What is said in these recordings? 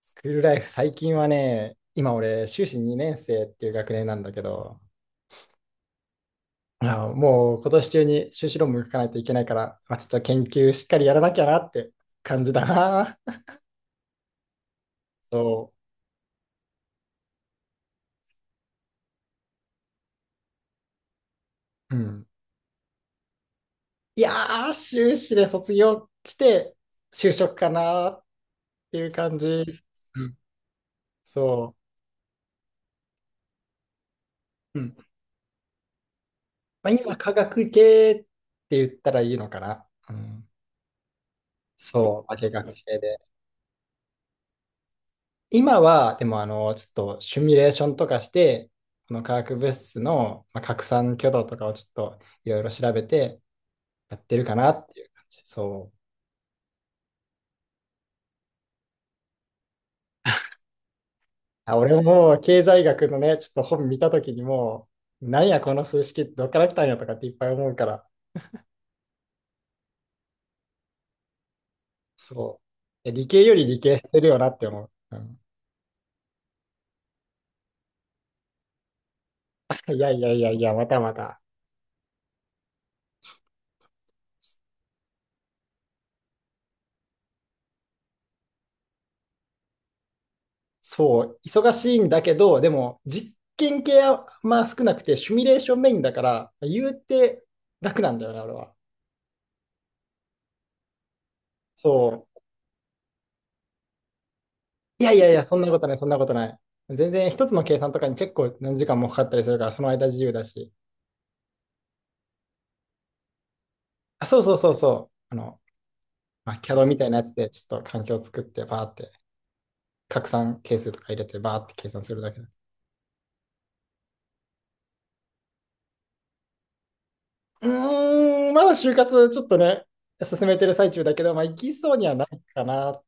スクールライフ、最近はね、今俺、修士2年生っていう学年なんだけど、あ、もう今年中に修士論文書かないといけないから、まあ、ちょっと研究しっかりやらなきゃなって感じだな。そう。うん。いやー、修士で卒業して、就職かなっていう感じ。うん、そう。うん。まあ、今、科学系って言ったらいいのかな。うん、そう、化学系で。今は、でも、ちょっとシミュレーションとかして、この化学物質のまあ拡散挙動とかをちょっといろいろ調べてやってるかなっていう感じ。そう。あ、俺ももう経済学のね、ちょっと本見たときにもう、なんやこの数式ってどっから来たんやとかっていっぱい思うから、そう。え、理系より理系してるよなって思う。うん、いやいやいやいや、またまた。そう、忙しいんだけど、でも実験系はまあ少なくて、シミュレーションメインだから、言うて楽なんだよね、俺は。そう。いやいやいや、そんなことない、そんなことない。全然一つの計算とかに結構何時間もかかったりするから、その間自由だし。あ、そうそうそうそう。まあ、CAD みたいなやつでちょっと環境を作って、バーって拡散係数とか入れて、バーって計算するだけだ。うーん、まだ就活ちょっとね、進めてる最中だけど、まあ、行きそうにはないかなっ。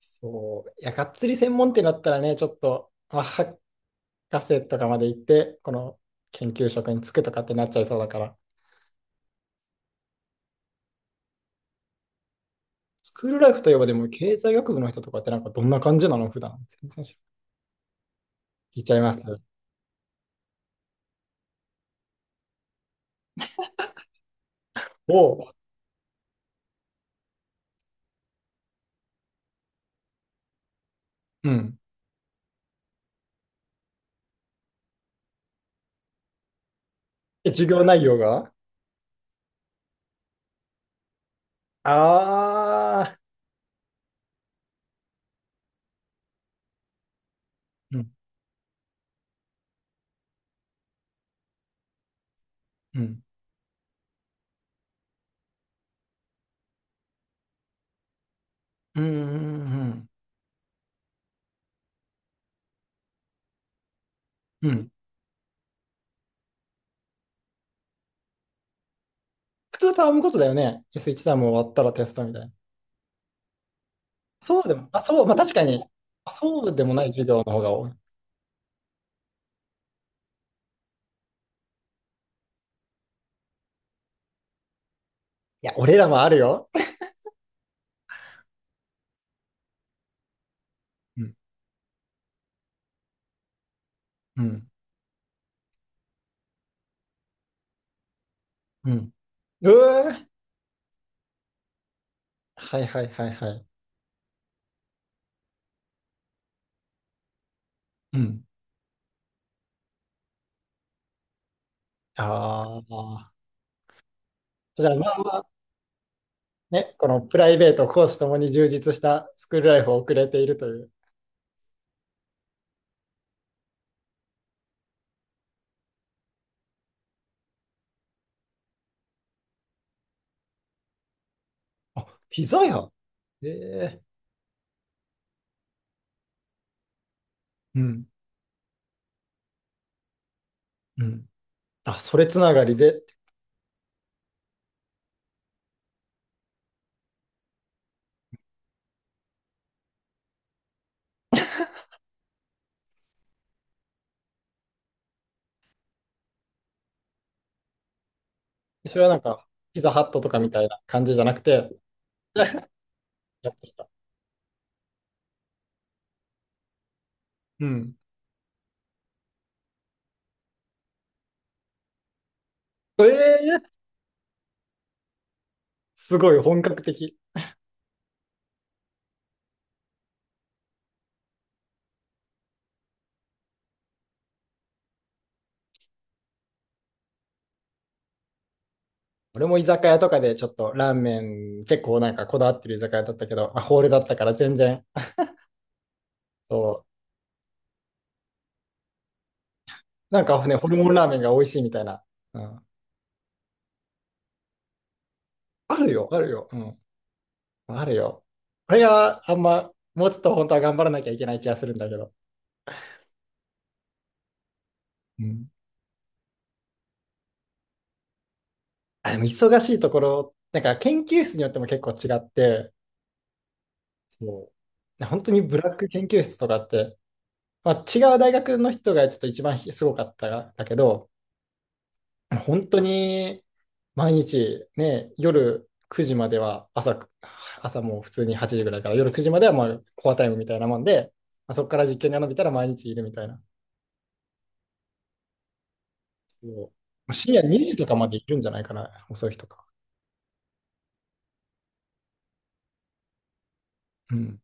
そう。いや、がっつり専門店だったらね、ちょっと、まあ、博士とかまで行って、この研究職に就くとかってなっちゃいそうだから。スクールライフといえば、でも経済学部の人とかってなんかどんな感じなの普段。全然知らない。聞いちゃいます。おう。うん。え、授業内容が。ああー。うん。うん。うんうんうん。うん。普通と編むことだよね。S1 ターム終わったらテストみたいな。そうでも、あ、そう、まあ確かに、そうでもない授業の方が多い。いや、俺らもあるよ。うん。うん。うん。うー、はいはいはいはい。うん。ああ。じゃあまあまあ、ね、このプライベート、講師ともに充実したスクールライフを送れているという。あ、膝屋。ええ。うん。うん。あ、それつながりで、それはなんか、ピザハットとかみたいな感じじゃなくて、やってきた。うん。ええ、すごい本格的。俺も居酒屋とかでちょっとラーメン結構なんかこだわってる居酒屋だったけど、まあ、ホールだったから全然、そう。なんかね、ホルモンラーメンが美味しいみたいな。うん。あるよ、あるよ。うん。あるよ。あれがあんま、もうちょっと本当は頑張らなきゃいけない気がするんだけど。うん。あ、でも忙しいところ、なんか研究室によっても結構違って、そう。本当にブラック研究室とかって、まあ、違う大学の人がちょっと一番すごかったんだけど、本当に毎日ね、夜9時までは朝もう普通に8時ぐらいから夜9時まではまあコアタイムみたいなもんで、まあ、そこから実験が伸びたら毎日いるみたいな。そう、まあ深夜2時とかまでいるんじゃないかな、遅い日とか。うん。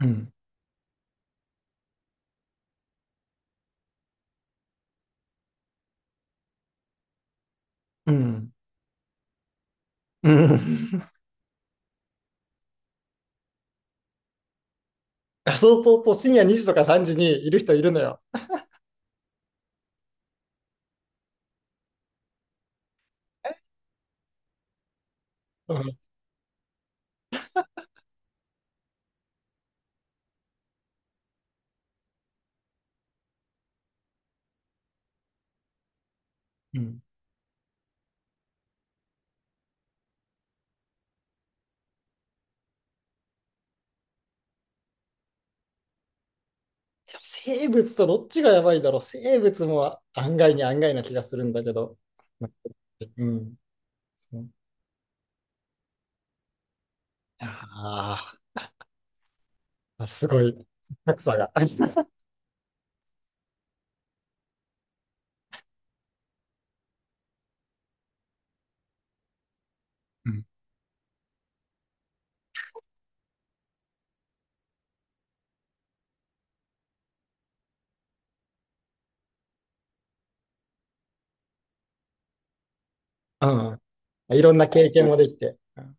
うん。うん。うん そうそうそう、深夜2時とか3時にいる人いるのよ。うん。うん、でも生物とどっちがやばいだろう。生物も案外な気がするんだけど。うん。そう。ああ。あ、すごい、格差が。うん。うん。いろんな経験もできて。うん。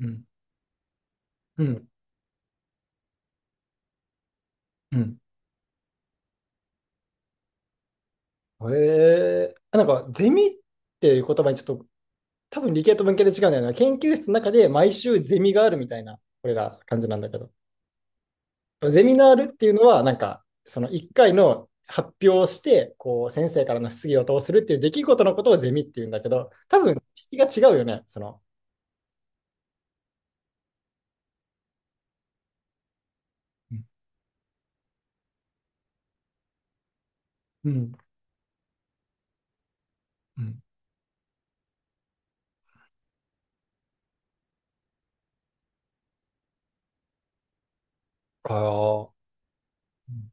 うん。うん。うん、なんか、ゼミっていう言葉にちょっと、多分理系と文系で違うんだよな。研究室の中で毎週ゼミがあるみたいな、これら感じなんだけど。ゼミナールっていうのは、なんか、その1回の発表をして、こう、先生からの質疑応答をするっていう出来事のことをゼミっていうんだけど、多分、質が違うよね、その。うん。うん。うん。ああ。うん。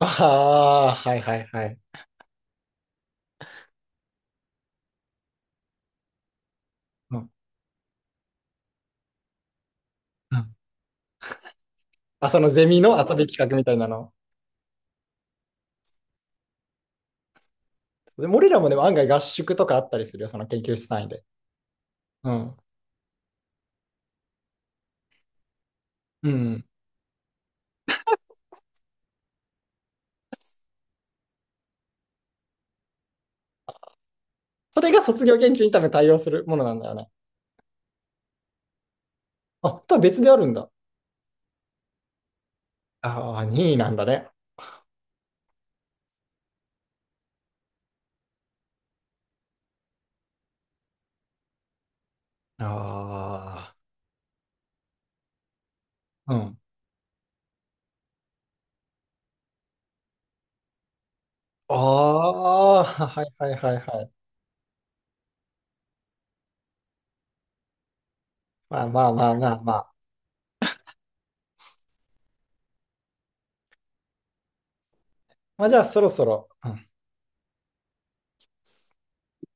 ああ、はいはいはい。うん。うん。あ、そのゼミの遊び企画みたいなの。でも俺らもでも案外合宿とかあったりするよ、その研究室単位で。うん。うん。それが卒業研究に多分対応するものなんだよね。あ、とは別であるんだ。ああ、任なんだね。ああ、うん。ああ、はいはいはいはい。まあまあまあまあまあ。まあじゃあそろそろ、うん